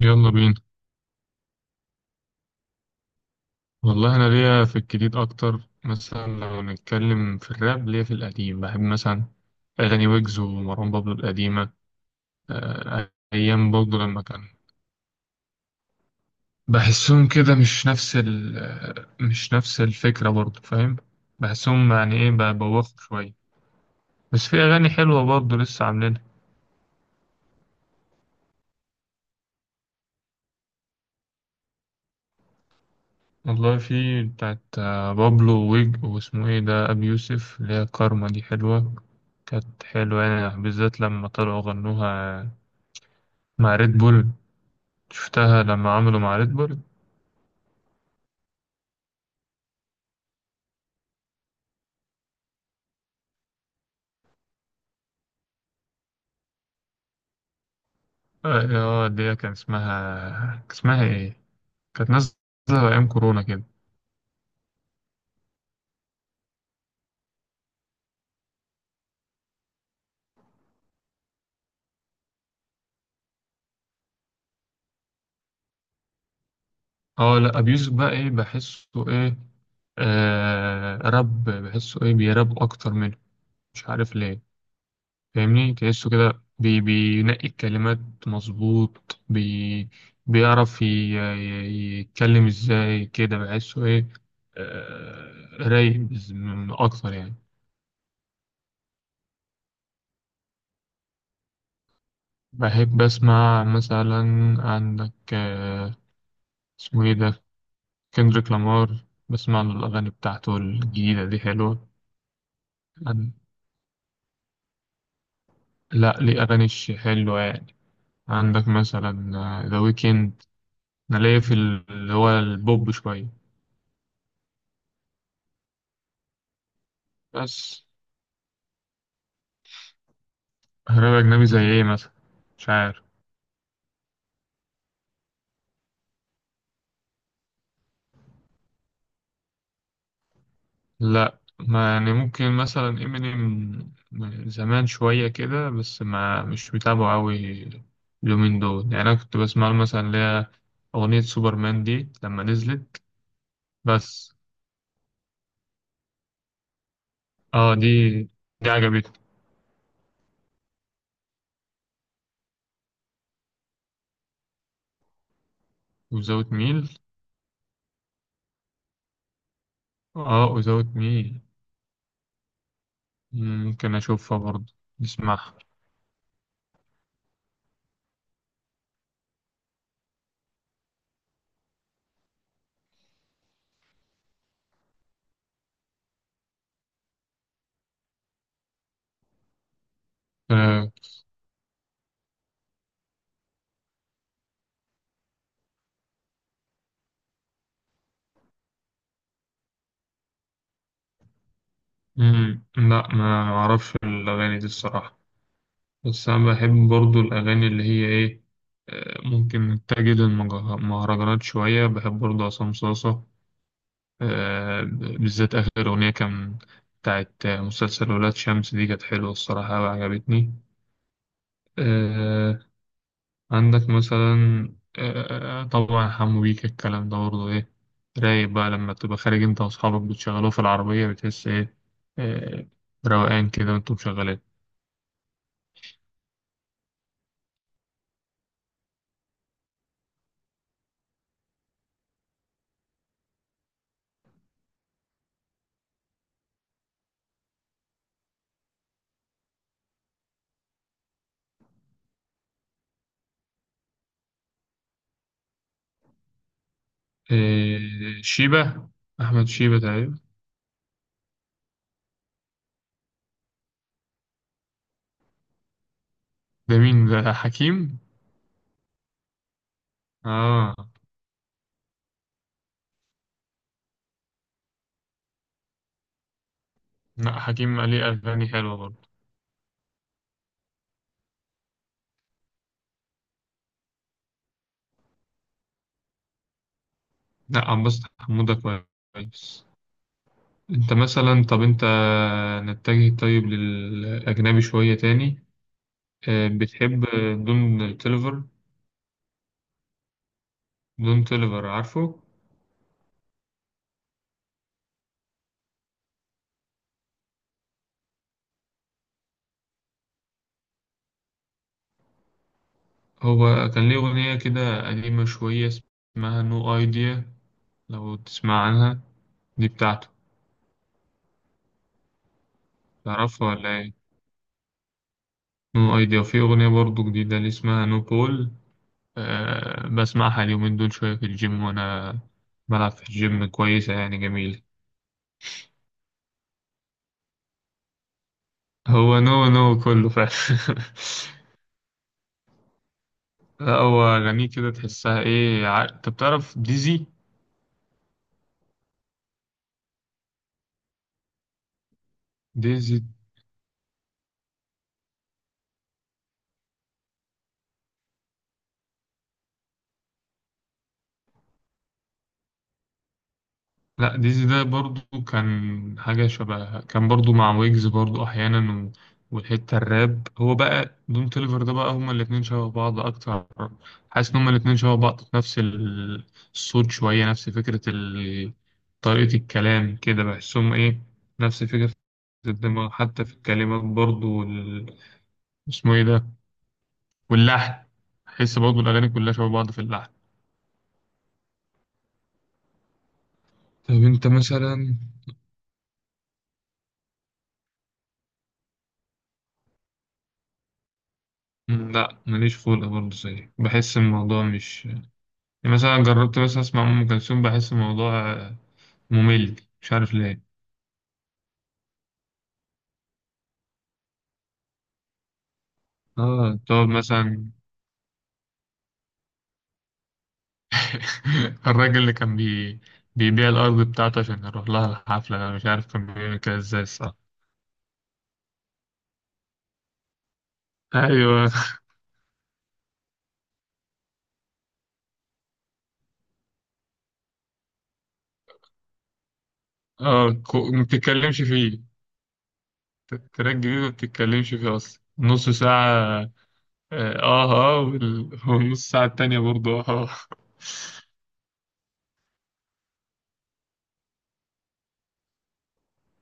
يلا بينا. والله انا ليا في الجديد اكتر، مثلا لو نتكلم في الراب ليا في القديم، بحب مثلا اغاني ويجز ومروان بابلو القديمه. ايام برضه لما كان بحسهم كده مش نفس ال آه، مش نفس الفكره برضه، فاهم؟ بحسهم يعني ايه، ببوخوا شويه. بس في اغاني حلوه برضه لسه عاملينها. والله في بتاعت بابلو ويج، واسمه ايه ده، ابي يوسف، اللي هي كارما دي حلوه، كانت حلوة يعني، بالذات لما طلعوا غنوها مع ريد بول. شفتها لما عملوا مع ريد بول. اه، اللي هي كان اسمها، كان اسمها ايه؟ كانت نازله ايام كورونا كده. اه لا، ابيوز بقى ايه بحسه ايه، آه راب، بحسه ايه، بيراب اكتر منه، مش عارف ليه. فاهمني؟ تحسه كده بي بينقي الكلمات، مظبوط، بي بيعرف يتكلم ازاي كده، بحسه ايه آه، رايق اكتر يعني. بحب أسمع مثلا، عندك اسمه إيه ده، كندريك لامار، بسمع له، الأغاني بتاعته الجديدة دي حلوة. عن- لا، ليه أغاني حلوة يعني، عندك مثلا ذا ويكند. أنا ليا في اللي هو البوب شوية بس. راب أجنبي زي إيه مثلا؟ مش عارف. لا ما يعني، ممكن مثلا امينيم زمان شوية كده، بس ما مش متابعه أوي اليومين دول يعني. أنا كنت بسمع له مثلا اللي هي أغنية سوبرمان دي لما نزلت، بس. اه، دي عجبتني. وزاوت ميل. اه وزاوت ميل، ممكن أشوفها برضه، نسمعها. آه. لا ما أعرفش الأغاني دي الصراحة. بس أنا بحب برضو الأغاني اللي هي إيه، ممكن تجد المهرجانات شوية، بحب برضو عصام صاصة، بالذات آخر أغنية كان بتاعت مسلسل ولاد شمس دي، كانت حلوة الصراحة وعجبتني. آه، عندك مثلا، طبعا حمو بيك، الكلام ده برضو إيه، رايق بقى لما تبقى خارج أنت وأصحابك بتشغلوه في العربية، بتحس إيه، آه، روقان كده وأنتم مشغلين. شيبة. أحمد شيبة تقريبا. ده مين ده، حكيم؟ اه. لا حكيم ليه اغاني حلوه برضه. لا عباس حموده، كويس. انت مثلا طب انت، نتجه طيب للاجنبي شويه تاني، بتحب دون تيلفر؟ دون تيلفر، عارفه؟ هو كان ليه اغنيه كده قديمه شويه اسمها نو ايديا، لو تسمع عنها، دي بتاعته. تعرفها ولا ايه؟ نو ايديا، وفي اغنيه برضه جديده اللي اسمها نو بول. أه بسمعها اليومين دول شوية في الجيم وأنا بلعب في الجيم، كويسة يعني، جميلة. هو نو نو كله فعلا. لا هو أغانيه كده تحسها إيه، أنت بتعرف ديزي؟ ديزي. لا ديزي ده برضو كان حاجة شبه، كان برضو مع ويجز برضو أحيانا، والحتة الراب، هو بقى دون توليفر ده بقى هما الاتنين شبه بعض أكتر. حاسس إن هما الاتنين شبه بعض في نفس الصوت شوية، نفس فكرة طريقة الكلام كده، بحسهم إيه، نفس فكرة الدماغ حتى في الكلمات برضو اسمه إيه ده، واللحن، بحس برضو الأغاني كلها شبه بعض في اللحن. طب أنت مثلا، لا ماليش خلق برضه زيك، بحس الموضوع مش يعني، مثلا جربت مثلا أسمع أم كلثوم، بحس الموضوع ممل، مش عارف ليه. آه تقعد مثلا، الراجل اللي كان بيبيع الأرض بتاعته عشان يروح لها الحفلة، أنا مش عارف كان بيعمل كده إزاي الصراحة. أيوه. آه، ما بتتكلمش فيه، تراك جديد ما بتتكلمش فيه أصلا نص ساعة، والنص ساعة التانية برضه.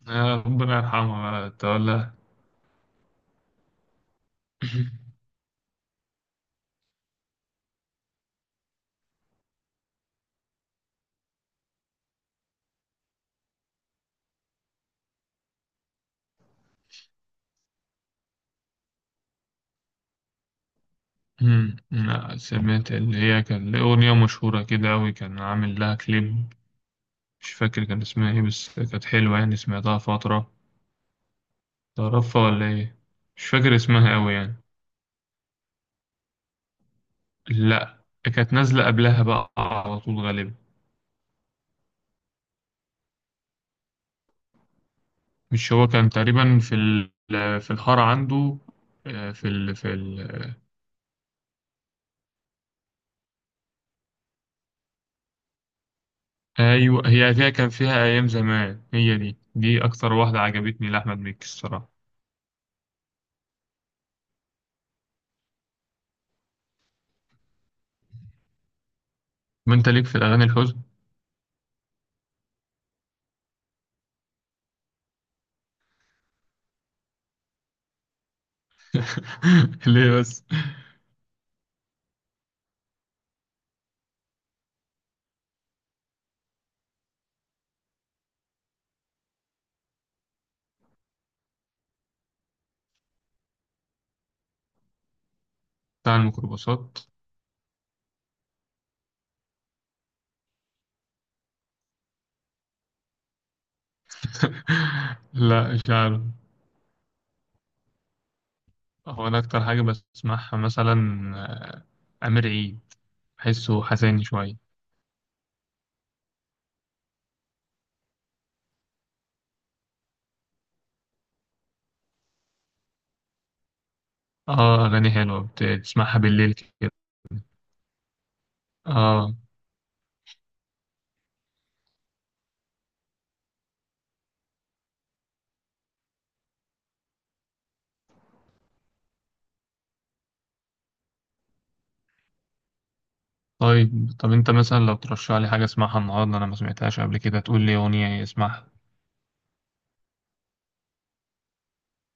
ربنا يرحمها بقى، تقول لها. لا سمعت، اللي هي كان ليه أغنية مشهورة كده أوي، كان عامل لها كليب، مش فاكر كان اسمها إيه، بس كانت حلوة يعني سمعتها فترة. تعرفها ولا إيه؟ مش فاكر اسمها أوي يعني. لأ كانت نازلة قبلها بقى على طول غالبا. مش هو كان تقريبا في في الحارة عنده، آه، في ال... في ال... أيوة هي فيها، كان فيها أيام زمان، هي دي أكتر واحدة عجبتني لأحمد مكي الصراحة. ما أنت ليك في الأغاني الحزن. ليه بس؟ بتاع الميكروباصات، لا مش عارف. هو انا اكتر حاجه بسمعها مثلا امير عيد، بحسه حزين شويه. اه اغاني حلوه بتسمعها بالليل كده. اه. طيب طب انت مثلا لو ترشح لي حاجه اسمعها النهارده، انا ما سمعتهاش قبل كده، تقول لي اغنيه اسمعها.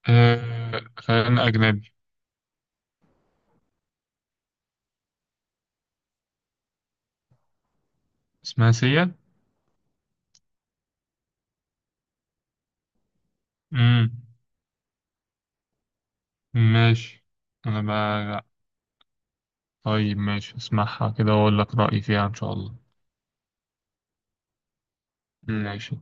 آه خلينا اجنبي. اسمها سيا. امم، ماشي. انا بقى، طيب ماشي، اسمعها كده واقول لك رايي فيها ان شاء الله. ماشي.